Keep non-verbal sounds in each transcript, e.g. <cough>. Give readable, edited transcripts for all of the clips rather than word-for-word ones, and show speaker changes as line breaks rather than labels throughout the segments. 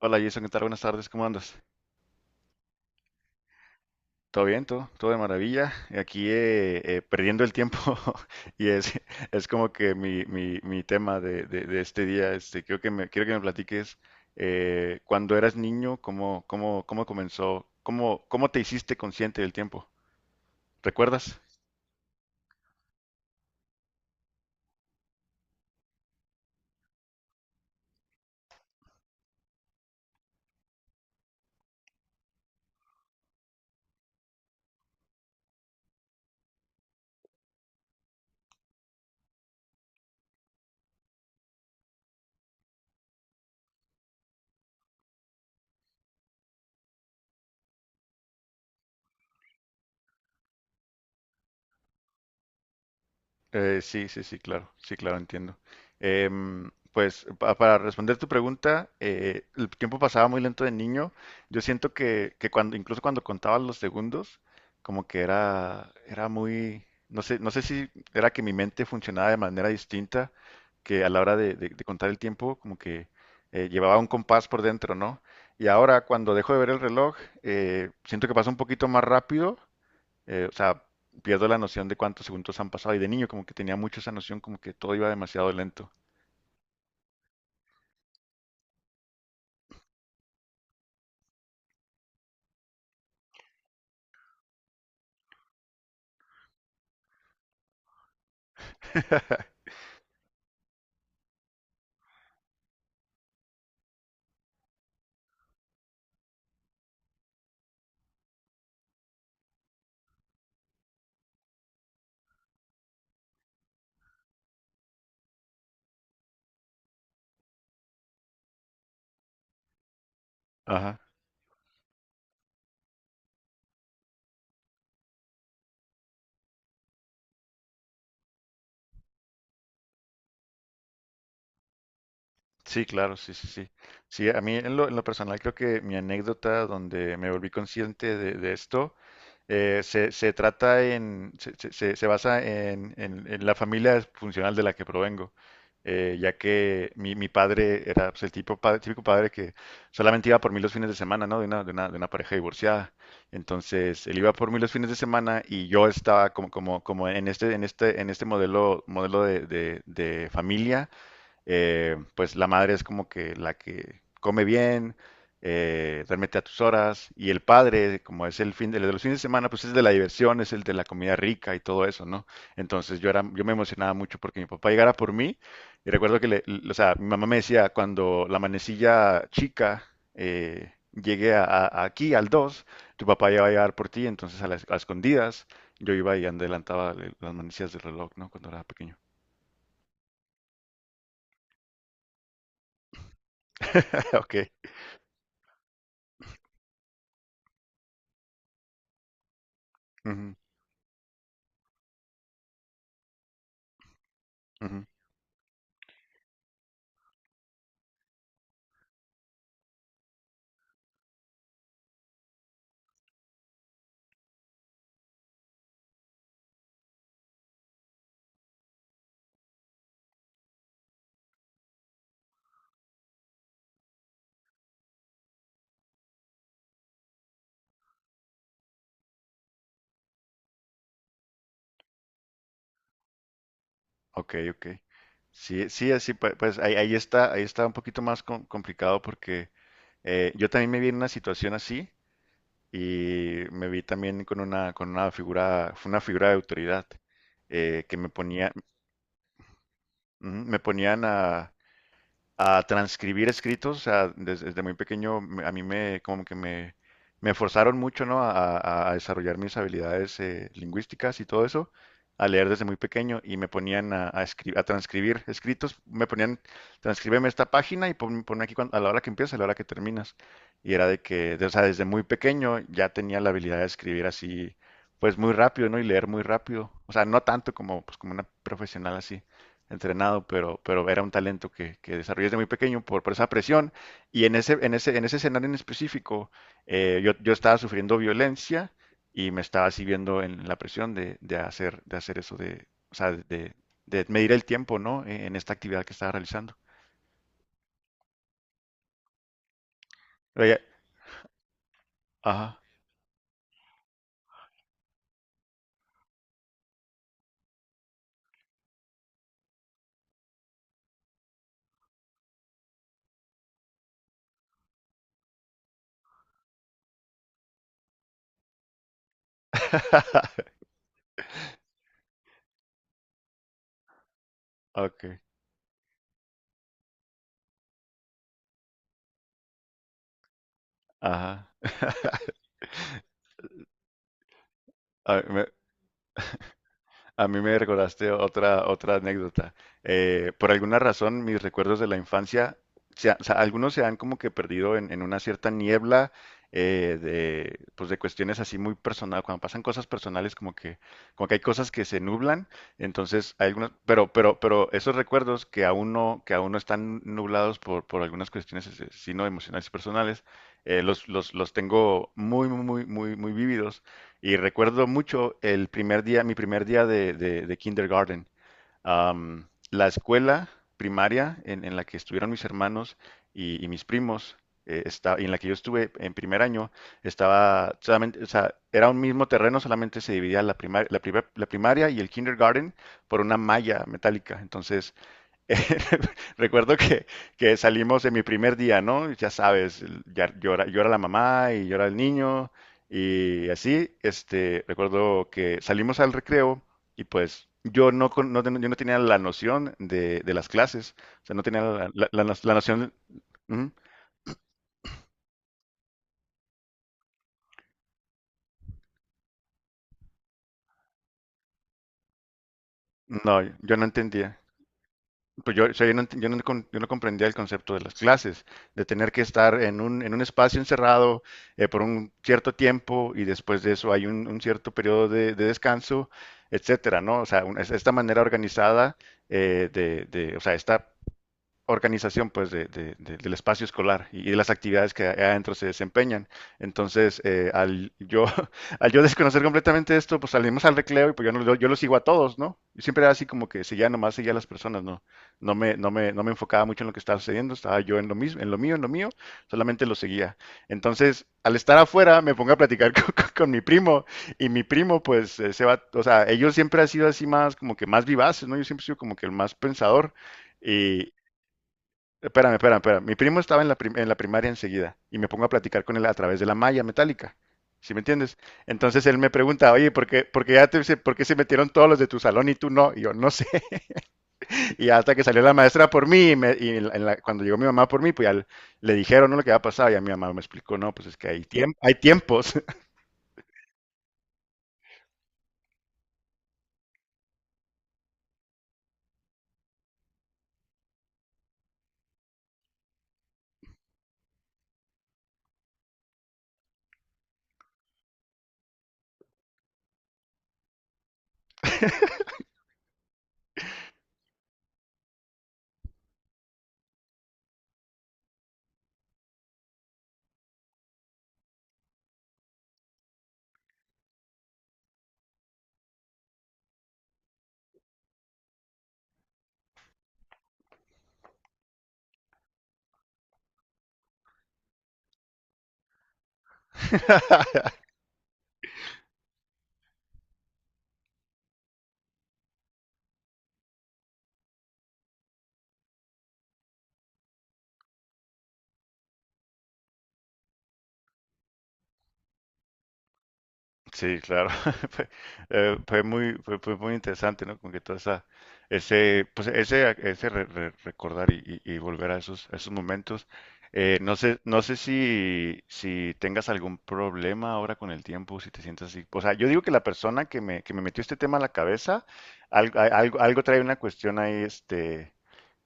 Hola Jason, ¿qué tal? Buenas tardes, ¿cómo andas? ¿Todo bien? ¿Todo de maravilla? Aquí perdiendo el tiempo <laughs> y es, es como que mi tema de este día, este, creo que quiero que me platiques cuando eras niño, cómo comenzó, cómo te hiciste consciente del tiempo. ¿Recuerdas? Sí, sí, sí, claro, sí, claro, entiendo. Pues para responder tu pregunta, el tiempo pasaba muy lento de niño. Yo siento que cuando, incluso cuando contaba los segundos, como que era muy, no sé, no sé si era que mi mente funcionaba de manera distinta, que a la hora de contar el tiempo, como que llevaba un compás por dentro, ¿no? Y ahora cuando dejo de ver el reloj, siento que pasa un poquito más rápido, o sea, pierdo la noción de cuántos segundos han pasado. Y de niño como que tenía mucho esa noción, como que todo iba demasiado lento. <laughs> Ajá. Sí, claro, sí, sí, sí. Sí, a mí en lo personal creo que mi anécdota donde me volví consciente de esto se, se trata en, se- se- se basa en la familia funcional de la que provengo, ya que mi padre era pues, el tipo, típico padre que solamente iba por mí los fines de semana, ¿no? De una pareja divorciada. Entonces, él iba por mí los fines de semana y yo estaba como en en este modelo de de familia pues la madre es como que la que come bien, duérmete a tus horas, y el padre, como es el fin de, el de los fines de semana, pues es de la diversión, es el de la comida rica y todo eso, ¿no? Entonces yo era, yo me emocionaba mucho porque mi papá llegara por mí, y recuerdo que o sea, mi mamá me decía cuando la manecilla chica llegué aquí al dos, tu papá ya va a llegar por ti, entonces a las a escondidas yo iba y adelantaba las manecillas del reloj, ¿no? Cuando era pequeño. <laughs> Ok. Ujú, ujú. Ok, ok. Sí, sí, así pues, ahí está un poquito más complicado porque yo también me vi en una situación así y me vi también con con una figura, fue una figura de autoridad, que me ponía, ujú, me ponían a transcribir escritos, o sea, desde muy pequeño a como que me forzaron mucho, ¿no? A desarrollar mis habilidades lingüísticas y todo eso, a leer desde muy pequeño y me ponían a transcribir escritos, me ponían, transcríbeme esta página y ponme aquí a la hora que empieza, a la hora que terminas. Y era de que, o sea, desde muy pequeño ya tenía la habilidad de escribir así, pues muy rápido, ¿no? Y leer muy rápido, o sea, no tanto como, pues, como una profesional así entrenado, pero era un talento que desarrollé desde muy pequeño por esa presión. Y en en ese escenario en específico, yo estaba sufriendo violencia y me estaba así viendo en la presión de hacer eso, de, o sea, de medir el tiempo, ¿no? En esta actividad que estaba realizando. Pero ajá. <laughs> Ok, ajá. <laughs> Ah, me, a mí me recordaste otra, otra anécdota. Por alguna razón, mis recuerdos de la infancia, o sea, algunos se han como que perdido en una cierta niebla, pues de cuestiones así muy personales. Cuando pasan cosas personales, como que hay cosas que se nublan. Entonces, hay algunos, pero esos recuerdos que aún no están nublados por algunas cuestiones, sino emocionales y personales, los tengo muy, muy, muy, muy, muy vívidos y recuerdo mucho el primer día, mi primer día de kindergarten. Am, la escuela primaria en la que estuvieron mis hermanos y mis primos, y en la que yo estuve en primer año, estaba solamente, o sea, era un mismo terreno, solamente se dividía la primaria, la primaria y el kindergarten por una malla metálica. Entonces, <laughs> recuerdo que salimos en mi primer día, ¿no? Ya sabes, ya llora, llora la mamá y llora el niño y así, este, recuerdo que salimos al recreo y pues yo yo no tenía la noción de las clases, o sea, no tenía la noción, ujú, no, yo no entendía. Pues yo, o sea, yo no comprendía el concepto de las clases, de tener que estar en en un espacio encerrado por un cierto tiempo y después de eso hay un cierto periodo de descanso, etcétera, ¿no? O sea, esta manera organizada, o sea, esta organización pues del espacio escolar y de las actividades que adentro se desempeñan. Entonces, al yo, <laughs> al yo desconocer completamente esto, pues salimos al recreo y pues yo, no- yo lo sigo a todos, ¿no? Y siempre era así como que seguía nomás, seguía a las personas, ¿no? No me enfocaba mucho en lo que estaba sucediendo, estaba yo en lo mismo, en lo mío, solamente lo seguía. Entonces, al estar afuera, me pongo a platicar <laughs> con mi primo y mi primo, pues, se va, o sea, ellos siempre han sido así más, como que más vivaces, ¿no? Yo siempre he sido como que el más pensador. Y, espérame, espérame, espérame. Mi primo estaba en en la primaria enseguida y me pongo a platicar con él a través de la malla metálica. ¿Sí me entiendes? Entonces él me pregunta, oye, ¿ por qué se metieron todos los de tu salón y tú no? Y yo, no sé. <laughs> Y hasta que salió la maestra por mí y cuando llegó mi mamá por mí, pues ya le dijeron, ¿no? Lo que había pasado y a mi mamá me explicó, no, pues es que hay, hay tiempos. <laughs> Sí, claro. <laughs> Fue, fue muy interesante, ¿no? Como que toda esa, ese, pues ese recordar y volver a esos momentos. No sé, no sé si tengas algún problema ahora con el tiempo, si te sientes así. O sea, yo digo que la persona que me metió este tema a la cabeza, algo, algo, algo trae una cuestión ahí, este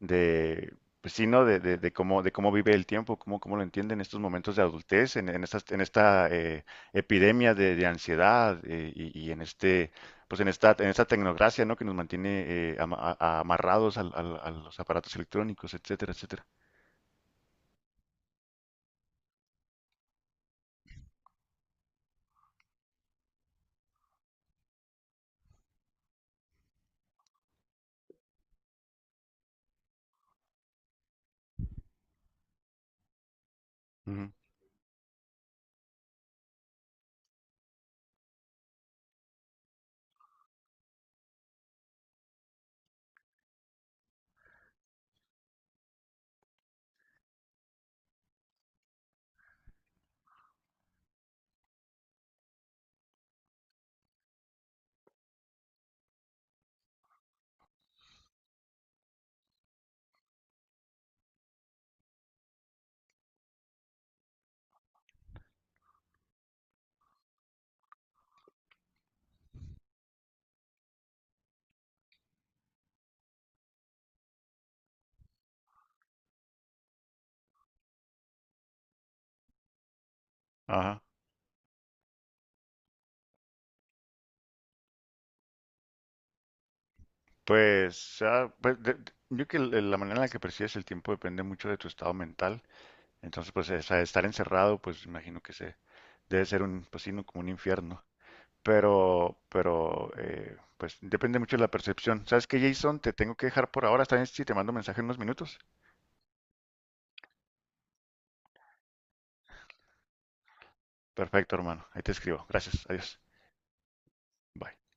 pues sí, ¿no? De cómo vive el tiempo, cómo lo entiende en estos momentos de adultez, en estas, en esta epidemia de ansiedad, y en este, pues en esta tecnocracia, ¿no? Que nos mantiene amarrados a los aparatos electrónicos, etcétera, etcétera. Ujú. Ajá. Pues, ah, pues, yo creo que la manera en la que percibes el tiempo depende mucho de tu estado mental. Entonces, pues, estar encerrado, pues, imagino que se debe ser un, pues, sí, ¿no? Como un infierno. Pero, pues depende mucho de la percepción. ¿Sabes qué, Jason? Te tengo que dejar por ahora. ¿Está bien si te mando mensaje en unos minutos? Perfecto, hermano. Ahí te escribo. Gracias. Adiós. Bye.